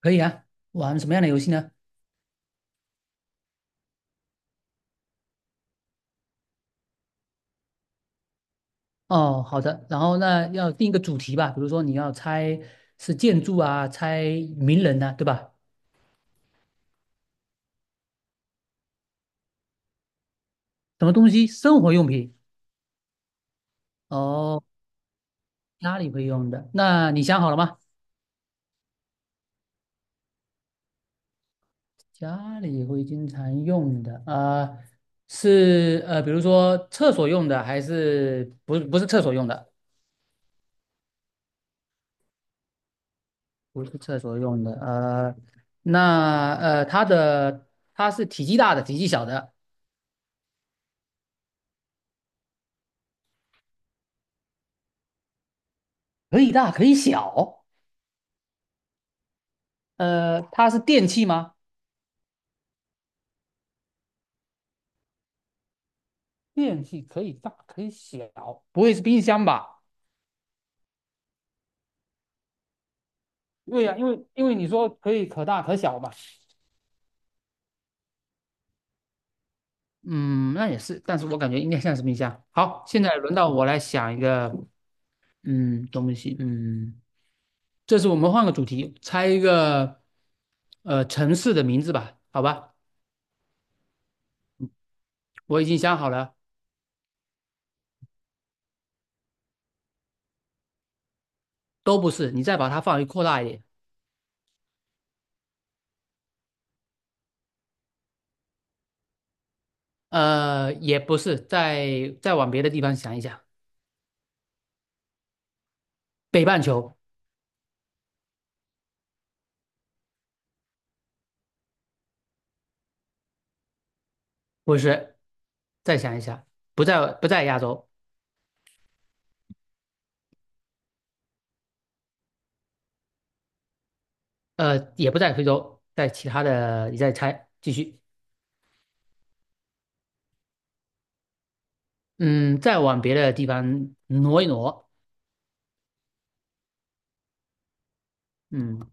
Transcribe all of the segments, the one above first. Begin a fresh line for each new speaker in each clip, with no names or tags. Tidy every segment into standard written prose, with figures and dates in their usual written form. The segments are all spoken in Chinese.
可以啊，玩什么样的游戏呢？哦，好的，然后那要定一个主题吧，比如说你要猜是建筑啊，猜名人呐、对吧？什么东西？生活用品。哦，家里会用的。那你想好了吗？家里会经常用的啊、是比如说厕所用的，还是不是厕所用的？不是厕所用的。那它是体积大的，体积小的，可以大可以小。它是电器吗？电器可以大可以小，不会是冰箱吧？对呀、因为你说可以可大可小嘛。嗯，那也是，但是我感觉应该像是冰箱。好，现在轮到我来想一个，嗯，东西，这次我们换个主题，猜一个，城市的名字吧，好吧？我已经想好了，都不是，你再把它范围扩大一点，也不是，再往别的地方想一想，北半球。不是，再想一想，不在亚洲，也不在非洲，在其他的，你再猜，继续，嗯，再往别的地方挪一挪，嗯，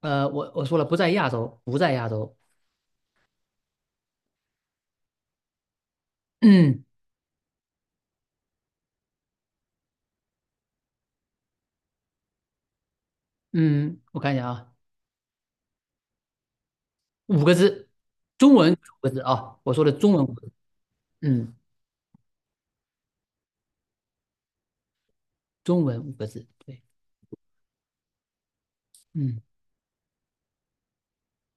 我说了不在亚洲，不在亚洲，嗯嗯，我看一下啊，五个字，中文五个字啊，我说的中文五个字，嗯，中文五个字，对，嗯，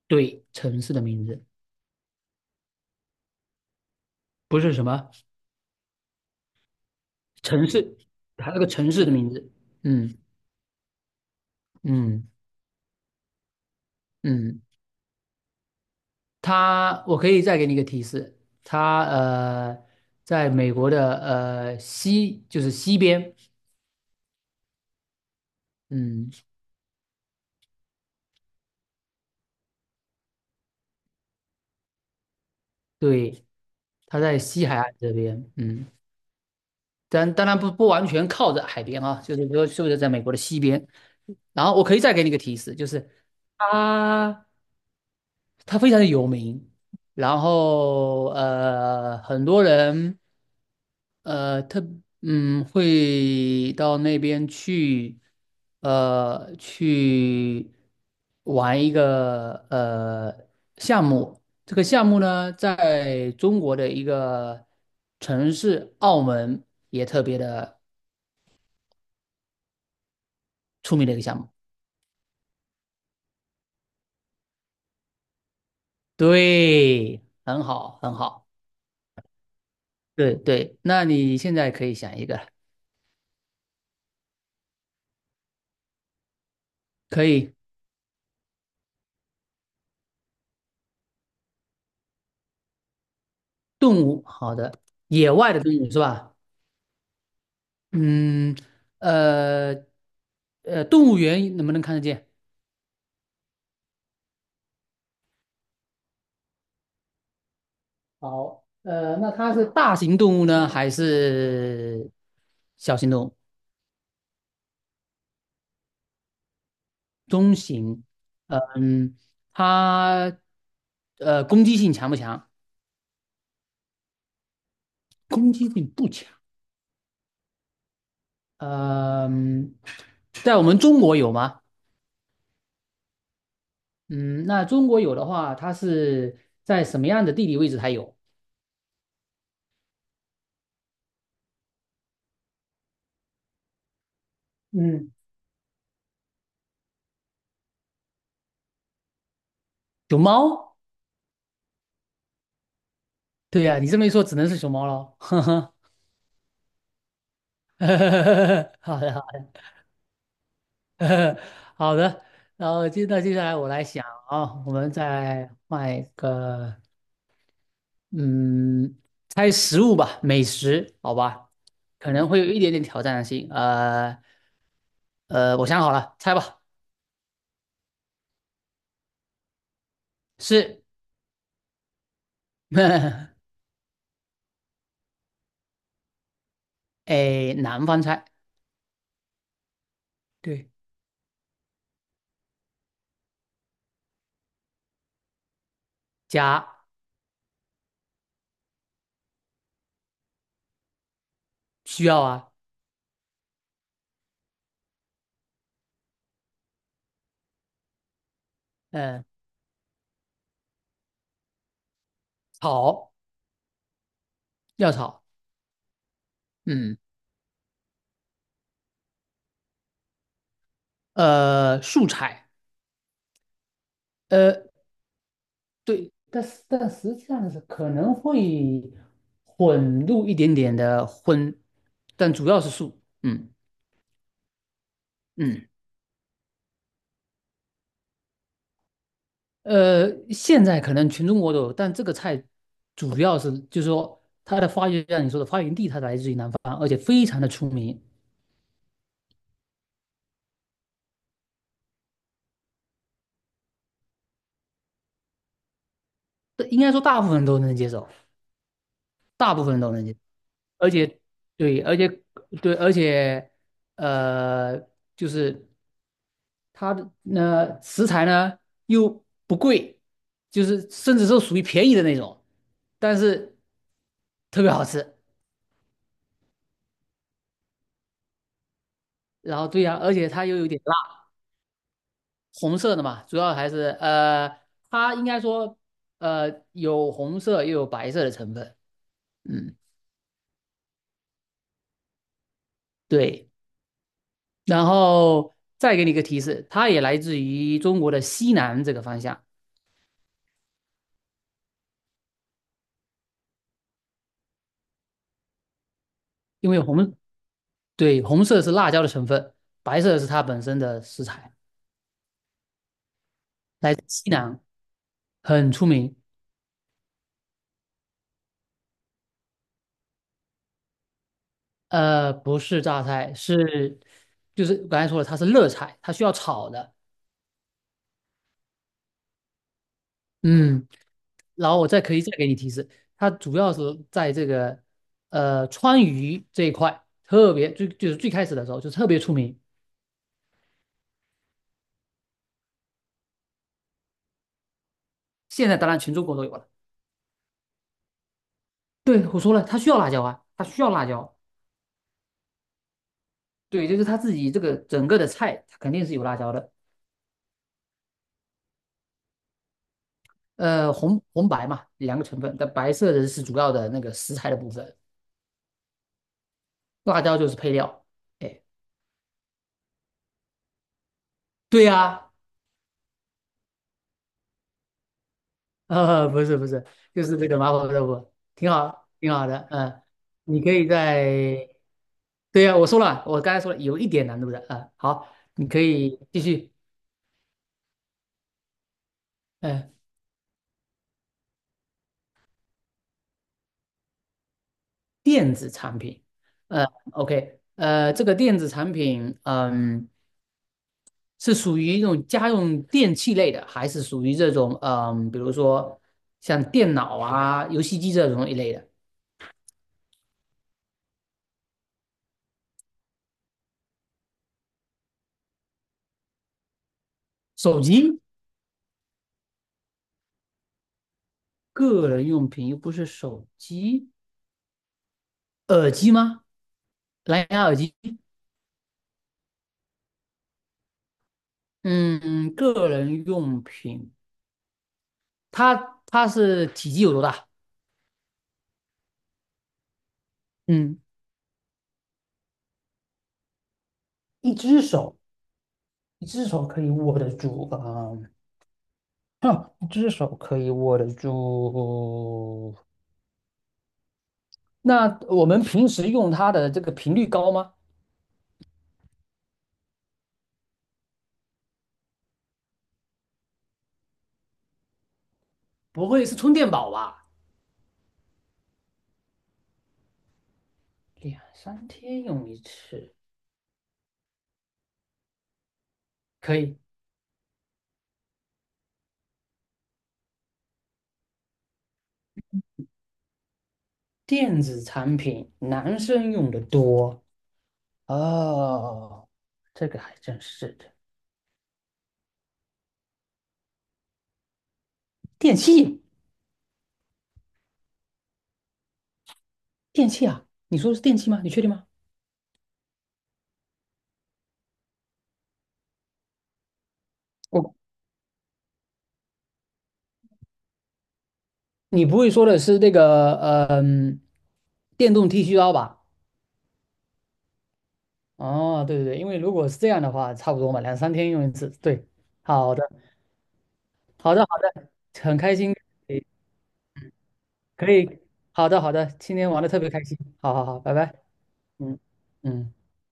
对，城市的名字不是什么城市，它是个城市的名字，嗯嗯嗯，它，我可以再给你一个提示，它在美国的西，就是西边，嗯，对，它在西海岸这边，嗯，但当然不完全靠着海边啊，就是说是不是在美国的西边？然后我可以再给你一个提示，就是它它非常的有名，然后很多人。呃，特会到那边去，去玩一个项目。这个项目呢，在中国的一个城市澳门也特别的出名的一个项目。对，很好，很好。对对，那你现在可以想一个，可以动物，好的，野外的动物是吧？嗯，呃，动物园能不能看得见？好，那它是大型动物呢，还是小型动物？中型，嗯，它攻击性强不强？攻击性不强。嗯，在我们中国有吗？嗯，那中国有的话，它是在什么样的地理位置才有？嗯，熊猫？对呀、你这么一说，只能是熊猫喽。好的，好的。好的，然后那接下来我来想啊，我们再换一个，嗯，猜食物吧，美食，好吧，可能会有一点点挑战性。我想好了，猜吧，是，哎，南方菜，对，加需要啊，嗯、炒要炒，嗯，素菜，呃，对，但实际上是可能会混入一点点的荤，但主要是素。嗯嗯，现在可能全中国都有，但这个菜主要是就是说它的发源，像你说的发源地，它来自于南方，而且非常的出名。这应该说大部分人都能接受，大部分人都能接受，而且对，而且对，而且呃，就是。它的食材呢又不贵，就是甚至是属于便宜的那种，但是特别好吃。然后对呀、而且它又有点辣，红色的嘛，主要还是它应该说有红色又有白色的成分，嗯，对。然后再给你一个提示，它也来自于中国的西南这个方向，因为红，对，红色是辣椒的成分，白色是它本身的食材。来自西南，很出名。不是榨菜，就是我刚才说了，它是热菜，它需要炒的。嗯，然后我再可以再给你提示，它主要是在这个川渝这一块特别最就是最开始的时候就特别出名，现在当然全中国都有了。对，我说了，它需要辣椒啊，它需要辣椒。对，就是它自己这个整个的菜，它肯定是有辣椒的。红白嘛，两个成分，但白色的是主要的那个食材的部分。辣椒就是配料。哎，对呀、不是不是，就是这个麻婆豆腐，挺好，挺好的。嗯，你可以在，对呀、我说了，我刚才说了，有一点难度的。啊、好，你可以继续。嗯，电子产品，呃，OK,这个电子产品，嗯，是属于那种家用电器类的，还是属于这种，嗯，比如说像电脑啊、游戏机这种一类的？手机？个人用品，又不是手机，耳机吗？蓝牙耳机？嗯，个人用品，它是体积有多大？嗯，一只手，一只手可以握得住啊，哼，一只手可以握得住。那我们平时用它的这个频率高吗？不会是充电宝吧？两三天用一次，可以，电子产品男生用的多，哦，这个还真是的。电器，电器啊，你说的是电器吗？你确定吗？我，你不会说的是那个，嗯、电动剃须刀吧？哦，对对对，因为如果是这样的话，差不多嘛，两三天用一次。对，好的，好的，好的，很开心，可以，可以好的，好的，今天玩的特别开心。好好好，拜拜。嗯嗯。